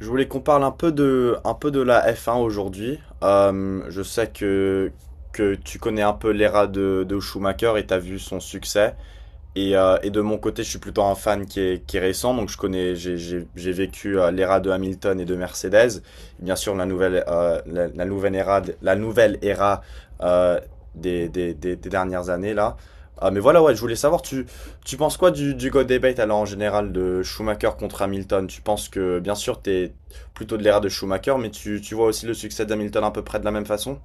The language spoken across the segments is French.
Je voulais qu'on parle un peu un peu de la F1 aujourd'hui. Je sais que tu connais un peu l'ère de Schumacher et tu as vu son succès. Et de mon côté, je suis plutôt un fan qui est récent, donc je connais, j'ai vécu l'ère de Hamilton et de Mercedes. Et bien sûr, la nouvelle la nouvelle ère euh, des dernières années là. Ah, mais voilà, ouais, je voulais savoir, tu penses quoi du Go Debate alors en général de Schumacher contre Hamilton? Tu penses que, bien sûr, t'es plutôt de l'ère de Schumacher, mais tu vois aussi le succès d'Hamilton à peu près de la même façon?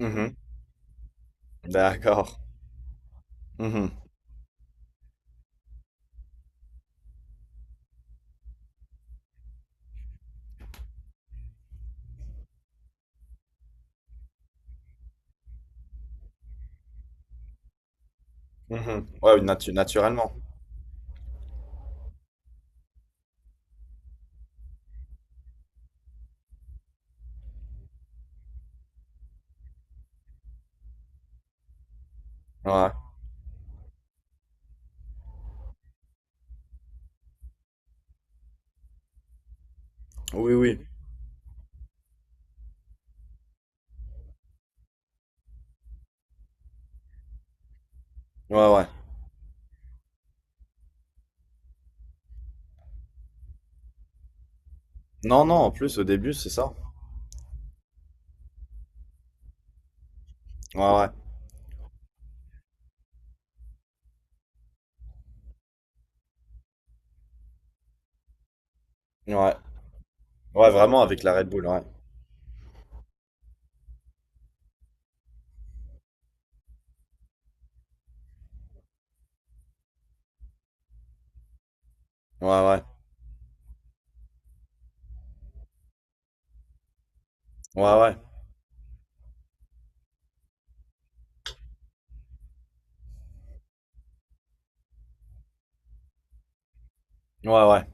Mhm. D'accord. Mhm. Mhm. Ouais, naturellement. Ouais. Oui, oui. Ouais, ouais. Non, non, en plus, au début, c'est ça. Ouais, ouais. Ouais. Ouais, vraiment, avec la Red Bull, ouais. Ouais, ouais. Ouais, ouais. Ouais, ouais.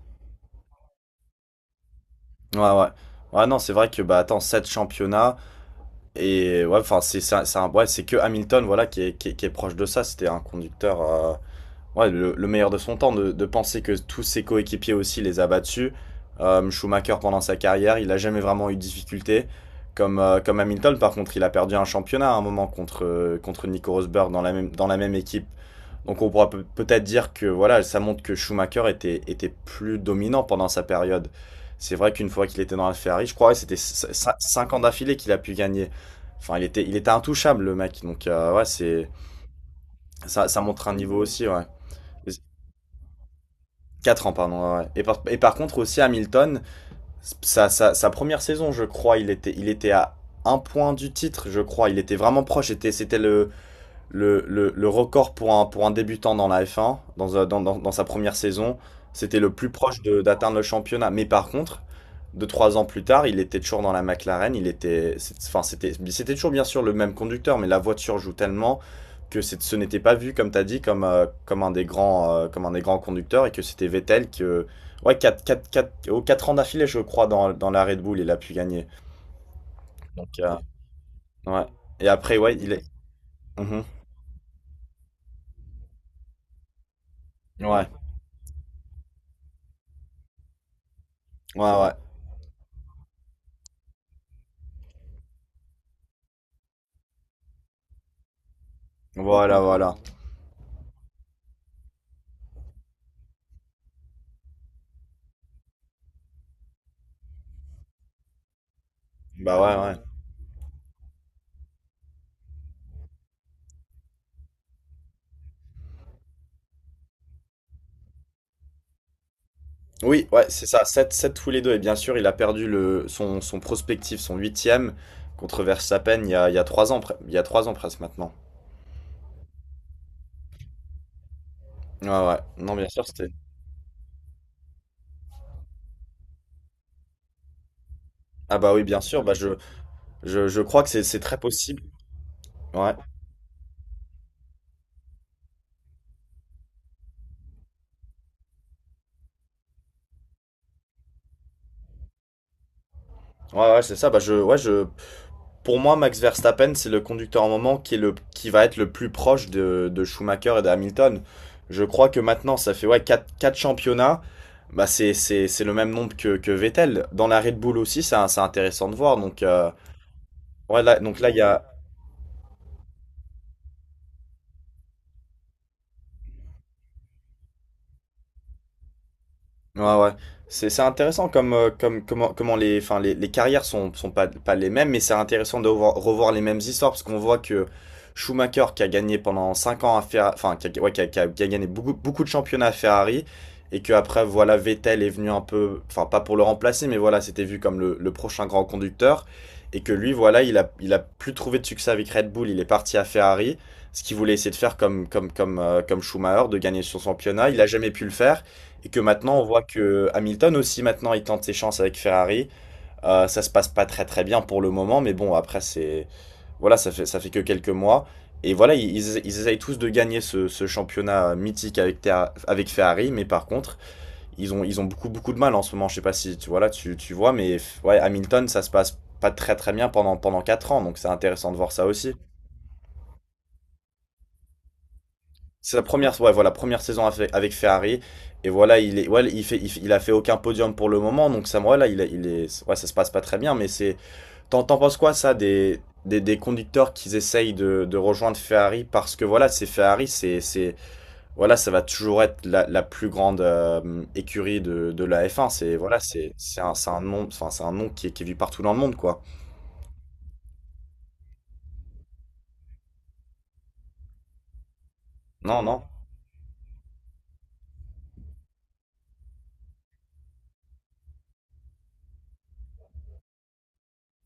Ouais, ouais. Ouais, non, c'est vrai que, bah, attends, 7 championnats, et ouais, enfin, c'est ouais, c'est que Hamilton, voilà, qui est proche de ça. C'était un conducteur. Ouais, le meilleur de son temps, de penser que tous ses coéquipiers aussi les a battus. Schumacher, pendant sa carrière, il n'a jamais vraiment eu de difficultés. Comme Hamilton, par contre, il a perdu un championnat à un moment contre Nico Rosberg dans la dans la même équipe. Donc on pourra peut- être dire que voilà, ça montre que Schumacher était plus dominant pendant sa période. C'est vrai qu'une fois qu'il était dans la Ferrari, je crois que c'était 5 ans d'affilée qu'il a pu gagner. Enfin, il était intouchable, le mec. Donc, ouais, c'est, ça montre un niveau aussi, ouais. Et, 4 ans, pardon. Ouais. Ouais. Et par contre, aussi Hamilton, sa première saison, je crois, il était à un point du titre, je crois. Il était vraiment proche. C'était le record pour un débutant dans la F1, dans, un- dans, dans- dans sa première saison, c'était le plus proche d'atteindre le championnat. Mais par contre, 2, 3 ans plus tard, il était toujours dans la McLaren. Il était, c'est- enfin, c'était, C'était toujours bien sûr le même conducteur, mais la voiture joue tellement que ce n'était pas vu, comme tu as dit, comme un des grands, comme un des grands conducteurs et que c'était Vettel que. Ouais, 4 ans d'affilée, je crois, dans la Red Bull, il a pu gagner. Donc, ouais. Et après, ouais, il est. Mhm. Ouais, ouais, ouais. Voilà, voilà. Bah ouais, ouais. Oui, ouais, c'est ça, sept 7 tous les deux. Et bien sûr, il a perdu son prospectif, son huitième, contre Verstappen il y a 3 ans, il y a 3 ans presque maintenant. Ouais, ouais. Non, bien sûr, c'était. Ah bah oui, bien sûr, bah je crois que c'est très possible. Ouais, ouais, ouais, c'est ça. Pour moi, Max Verstappen, c'est le conducteur en moment qui qui va être le plus proche de Schumacher et de Hamilton. Je crois que maintenant, ça fait ouais, 4 championnats. Bah, c'est le même nombre que Vettel. Dans la Red Bull aussi, c'est intéressant de voir. Donc, ouais, là, donc là, il y a, Ouais, ouais. C'est intéressant comment les, enfin, les carrières sont pas, pas les mêmes, mais c'est intéressant de revoir les mêmes histoires parce qu'on voit que Schumacher, qui a gagné pendant 5 ans à Ferrari, enfin, qui a, ouais, qui a, qui a- qui a gagné beaucoup, beaucoup de championnats à Ferrari, et que après, voilà, Vettel est venu un peu, enfin, pas pour le remplacer, mais voilà, c'était vu comme le prochain grand conducteur, et que lui, voilà, il a plus trouvé de succès avec Red Bull, il est parti à Ferrari, ce qu'il voulait essayer de faire comme Schumacher, de gagner son championnat, il a jamais pu le faire. Et que maintenant, on voit que Hamilton aussi, maintenant, il tente ses chances avec Ferrari. Ça se passe pas très très bien pour le moment, mais bon, après, c'est. Voilà, ça fait que quelques mois. Et voilà, ils essayent tous de gagner ce championnat mythique avec Ferrari, mais par contre, ils ont beaucoup beaucoup de mal en ce moment. Je sais pas si tu, voilà, tu vois, mais ouais, Hamilton, ça se passe pas très très bien pendant, pendant 4 ans, donc c'est intéressant de voir ça aussi. C'est la première, ouais, voilà, première saison avec avec Ferrari. Et voilà, il est, ouais, il a fait aucun podium pour le moment. Donc ça, voilà, il est, ouais, ça se passe pas très bien. Mais c'est, t'en penses quoi ça des conducteurs qui essayent de rejoindre Ferrari parce que voilà, c'est Ferrari, c'est, voilà, ça va toujours être la plus grande écurie de la F1. C'est voilà, c'est un nom, enfin c'est un nom qui est vu partout dans le monde quoi. Non, non.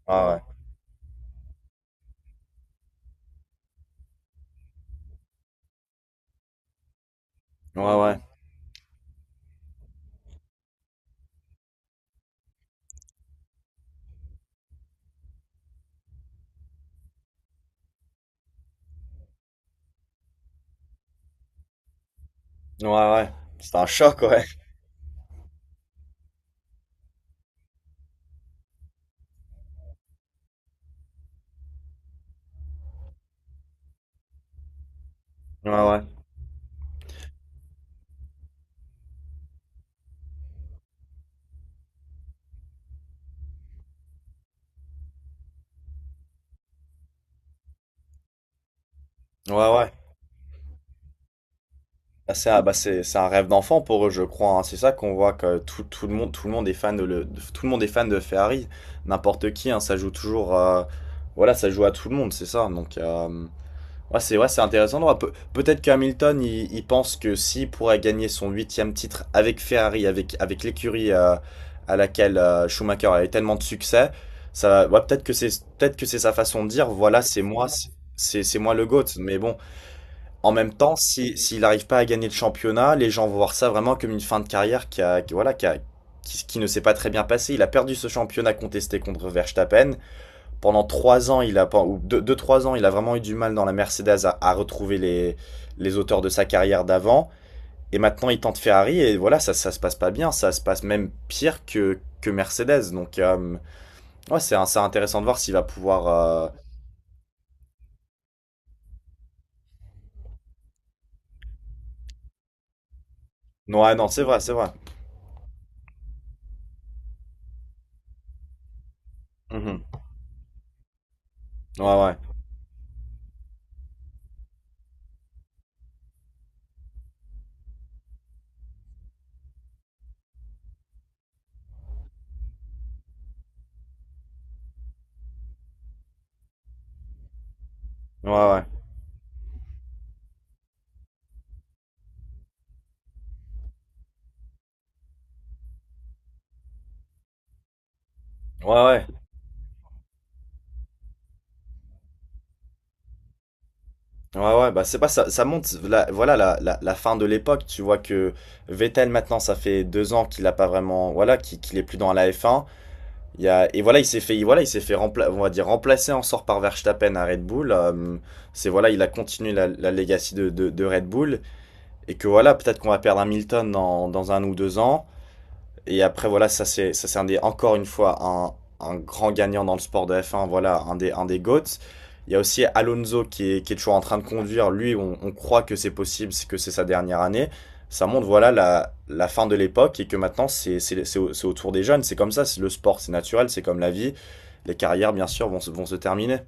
Ah ouais. Ouais, ouais. Ouais, ouais. C'est un choc ouais. Ouais, ouais. Ouais, ouais. Bah, c'est un, c'est un rêve d'enfant pour eux, je crois, hein. C'est ça qu'on voit que tout, tout le monde est fan de le, de- tout le monde est fan de Ferrari. N'importe qui, hein, ça joue toujours. Voilà, ça joue à tout le monde, c'est ça. Donc, ouais, c'est intéressant de voir. Peut-être qu'Hamilton, il pense que s'il pourrait gagner son huitième titre avec Ferrari, avec l'écurie à laquelle Schumacher a eu tellement de succès, ouais, peut-être que c'est sa façon de dire, voilà, c'est moi, c'est moi le GOAT. Mais bon. En même temps, si, s'il n'arrive pas à gagner le championnat, les gens vont voir ça vraiment comme une fin de carrière qui, a, qui- voilà, qui, a- qui- qui ne s'est pas très bien passée. Il a perdu ce championnat contesté contre Verstappen. Pendant 3 ans, il a, pen- ou 2, 3 ans, il a vraiment eu du mal dans la Mercedes à retrouver les auteurs de sa carrière d'avant. Et maintenant, il tente Ferrari et voilà, ça se passe pas bien. Ça se passe même pire que Mercedes. Donc, ouais, c'est intéressant de voir s'il va pouvoir. Non, ouais, non, c'est vrai, c'est vrai. Mhm. Ouais, ouais. Ouais, ouais. Ouais, ouais. Ouais, ouais, bah c'est pas ça, ça monte, voilà la fin de l'époque, tu vois que Vettel maintenant ça fait 2 ans qu'il a pas vraiment, voilà, qu'il est plus dans la f un il y a, et voilà il s'est fait, voilà il s'est fait rempla, on va dire remplacer en sort par Verstappen à Red Bull, c'est voilà il a continué la legacy de Red Bull, et que voilà peut-être qu'on va perdre Hamilton dans, dans un ou deux ans, et après, voilà, ça c'est un des encore une fois un grand gagnant dans le sport de F1, voilà, un des GOATs. Il y a aussi Alonso qui est toujours en train de conduire. Lui, on croit que c'est possible, c'est que c'est sa dernière année. Ça montre voilà la fin de l'époque et que maintenant c'est au tour des jeunes. C'est comme ça, c'est le sport, c'est naturel, c'est comme la vie. Les carrières, bien sûr, vont se terminer.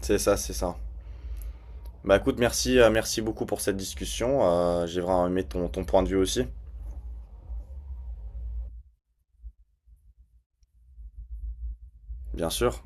C'est ça, c'est ça. Bah écoute, merci beaucoup pour cette discussion. J'ai vraiment aimé ton, ton point de vue aussi, bien sûr.